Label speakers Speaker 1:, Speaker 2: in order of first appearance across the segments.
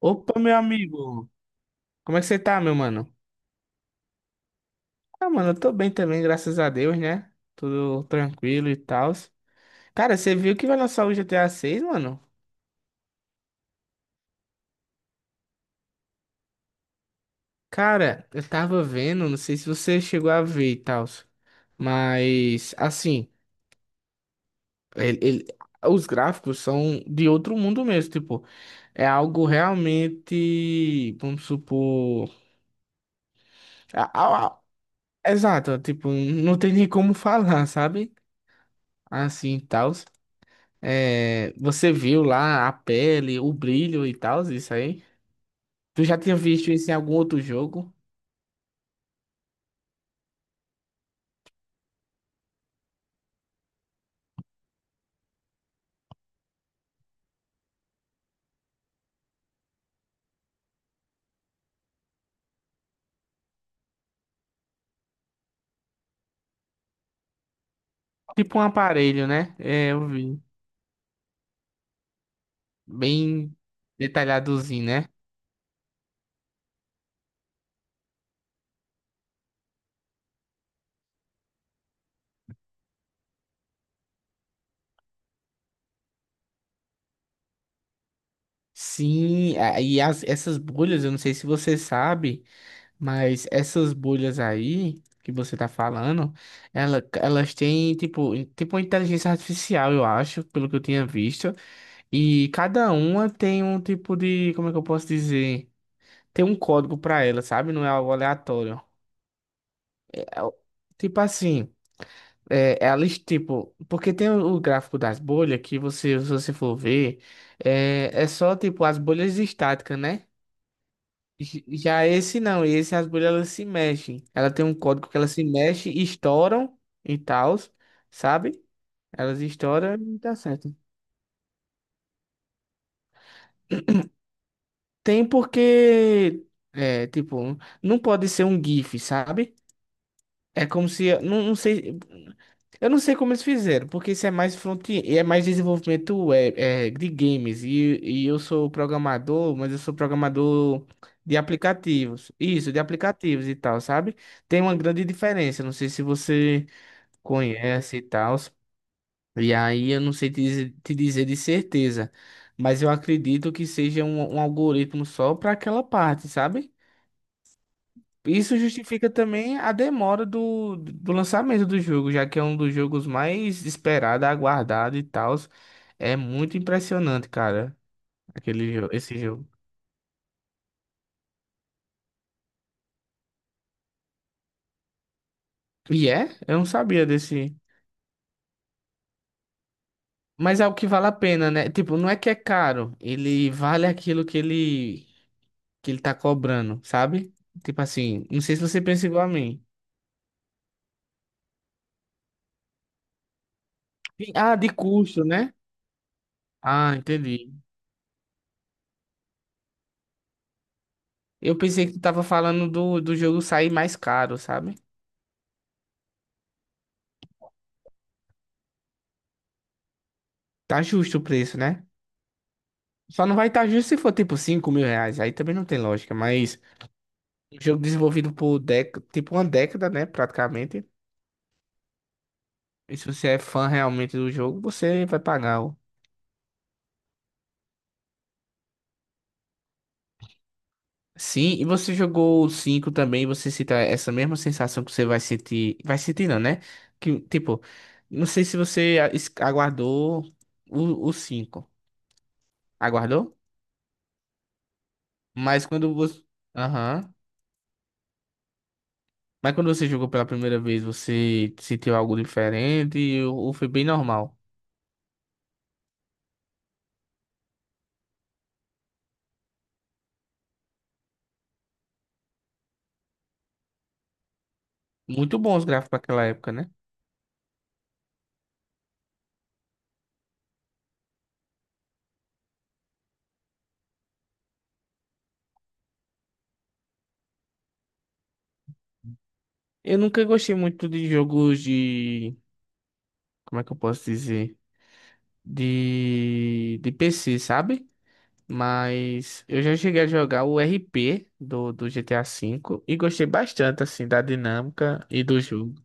Speaker 1: Opa, meu amigo. Como é que você tá, meu mano? Ah, mano, eu tô bem também, graças a Deus, né? Tudo tranquilo e tal. Cara, você viu que vai lançar o GTA 6, mano? Cara, eu tava vendo, não sei se você chegou a ver e tal, mas assim, ele- ele- os gráficos são de outro mundo mesmo, tipo, é algo realmente, vamos supor, a- a- a- exato, tipo, não tem nem como falar, sabe? Assim, e tal. É, você viu lá a pele, o brilho e tal, isso aí? Tu já tinha visto isso em algum outro jogo? Tipo um aparelho, né? É, eu vi. Bem detalhadozinho, né? Sim, e as, essas bolhas, eu não sei se você sabe, mas essas bolhas aí que você tá falando, elas têm tipo, tipo uma inteligência artificial, eu acho, pelo que eu tinha visto. E cada uma tem um tipo de, como é que eu posso dizer? Tem um código pra ela, sabe? Não é algo aleatório. É o- tipo assim, é a lista, tipo, porque tem o gráfico das bolhas que você, se você for ver, é só tipo as bolhas estáticas, né? Já esse não, esse as bolhas elas se mexem. Ela tem um código que elas se mexem, estouram e tal, sabe? Elas estouram e tá certo. Tem porque, é, tipo, não pode ser um GIF, sabe? É como se. Não, não sei. Eu não sei como eles fizeram, porque isso é mais front-end, é mais desenvolvimento web, é, de games. E eu sou programador, mas eu sou programador de aplicativos. Isso, de aplicativos e tal, sabe? Tem uma grande diferença. Não sei se você conhece e tal. E aí eu não sei te dizer de certeza. Mas eu acredito que seja um algoritmo só para aquela parte, sabe? Isso justifica também a demora do lançamento do jogo, já que é um dos jogos mais esperado, aguardado e tal. É muito impressionante, cara, aquele, esse jogo. E é? Eu não sabia desse. Mas é o que vale a pena, né? Tipo, não é que é caro, ele vale aquilo que ele tá cobrando, sabe? Tipo assim, não sei se você pensa igual a mim. Ah, de custo, né? Ah, entendi. Eu pensei que tu tava falando do jogo sair mais caro, sabe? Tá justo o preço, né? Só não vai estar justo se for tipo R$ 5.000. Aí também não tem lógica. Mas um jogo desenvolvido por déc tipo uma década, né? Praticamente. E se você é fã realmente do jogo, você vai pagar. Sim, e você jogou o 5 também, você cita essa mesma sensação que você vai sentir. Vai sentir, não, né? Que, tipo, não sei se você aguardou o 5. Aguardou? Mas quando você. Aham. Mas quando você jogou pela primeira vez, você sentiu algo diferente ou foi bem normal? Muito bons os gráficos para aquela época, né? Eu nunca gostei muito de jogos de. Como é que eu posso dizer? De. De PC, sabe? Mas eu já cheguei a jogar o RP do GTA V e gostei bastante, assim, da dinâmica e do jogo.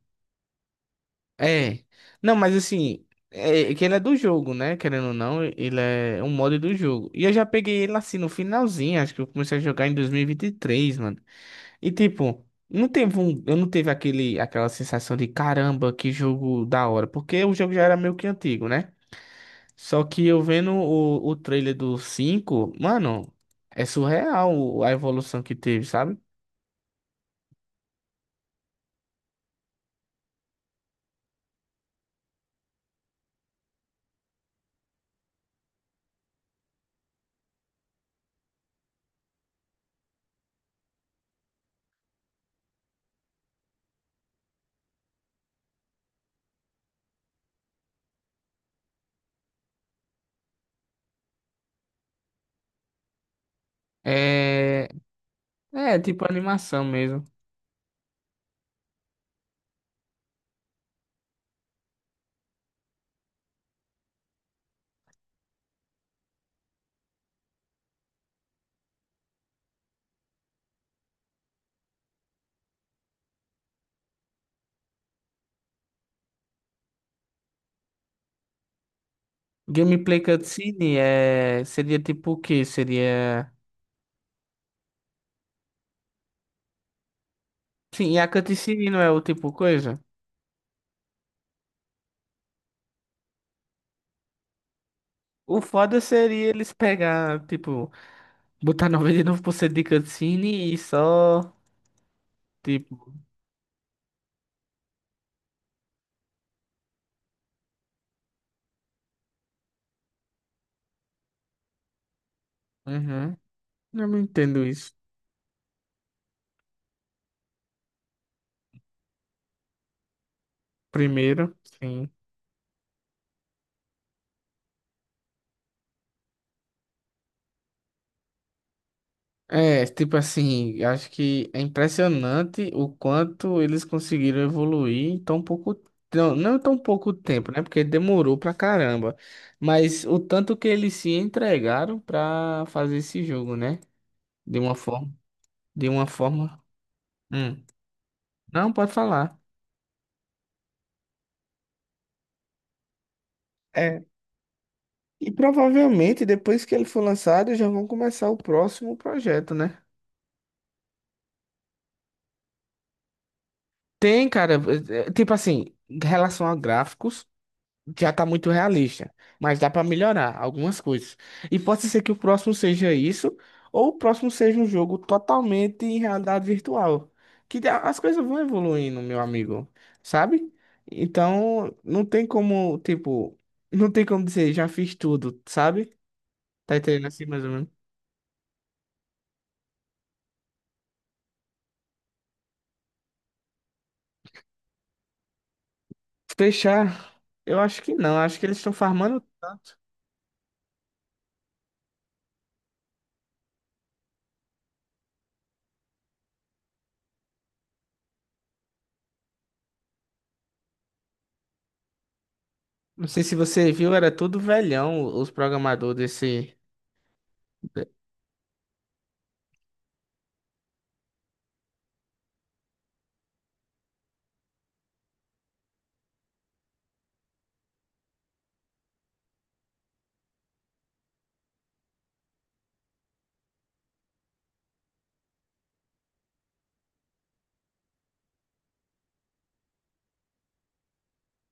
Speaker 1: É. Não, mas assim. É que ele é do jogo, né? Querendo ou não, ele é um mod do jogo. E eu já peguei ele assim no finalzinho, acho que eu comecei a jogar em 2023, mano. E tipo, não teve um, eu não teve aquele, aquela sensação de caramba, que jogo da hora, porque o jogo já era meio que antigo, né? Só que eu vendo o trailer do 5 mano, é surreal a evolução que teve, sabe? É, é tipo animação mesmo. Gameplay cutscene é, seria tipo o quê? Seria. Sim, e a cutscene não é o tipo coisa? O foda seria eles pegar, tipo, botar 99% de cutscene e só. Tipo, uhum. Eu não entendo isso. Primeiro, sim. É, tipo assim, acho que é impressionante o quanto eles conseguiram evoluir em tão pouco, não, não em tão pouco tempo, né? Porque demorou pra caramba. Mas o tanto que eles se entregaram pra fazer esse jogo, né? De uma forma, de uma forma. Hum. Não, pode falar. É. E provavelmente depois que ele for lançado, já vão começar o próximo projeto, né? Tem, cara, tipo assim, em relação a gráficos, já tá muito realista, mas dá pra melhorar algumas coisas. E pode ser que o próximo seja isso, ou o próximo seja um jogo totalmente em realidade virtual. Que as coisas vão evoluindo, meu amigo, sabe? Então, não tem como, tipo, não tem como dizer, já fiz tudo, sabe? Tá entendendo assim, mais ou menos? Fechar, eu acho que não, acho que eles estão farmando. Não sei se você viu, era tudo velhão os programadores desse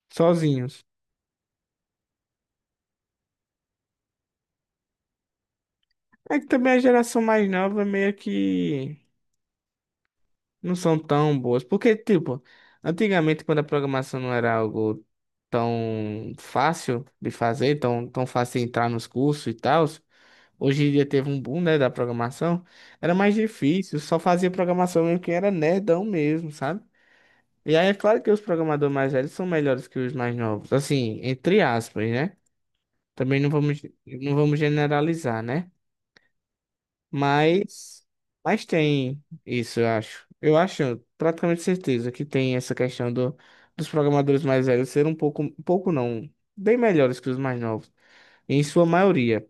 Speaker 1: sozinhos. É que também a geração mais nova meio que não são tão boas, porque tipo, antigamente quando a programação não era algo tão fácil de fazer, tão fácil de entrar nos cursos e tal, hoje em dia teve um boom, né, da programação, era mais difícil, só fazia programação mesmo quem era nerdão mesmo, sabe? E aí é claro que os programadores mais velhos são melhores que os mais novos, assim, entre aspas, né? Também não vamos generalizar, né? Mas, mas tem isso, eu acho. Eu acho, praticamente certeza, que tem essa questão dos programadores mais velhos ser um pouco não, bem melhores que os mais novos. Em sua maioria,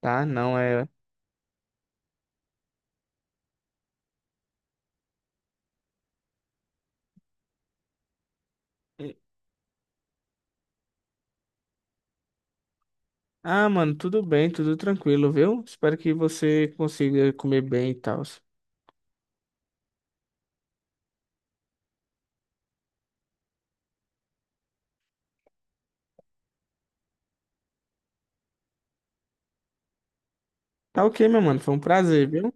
Speaker 1: tá? Não é. Ah, mano, tudo bem, tudo tranquilo, viu? Espero que você consiga comer bem e tal. Tá ok, meu mano, foi um prazer, viu?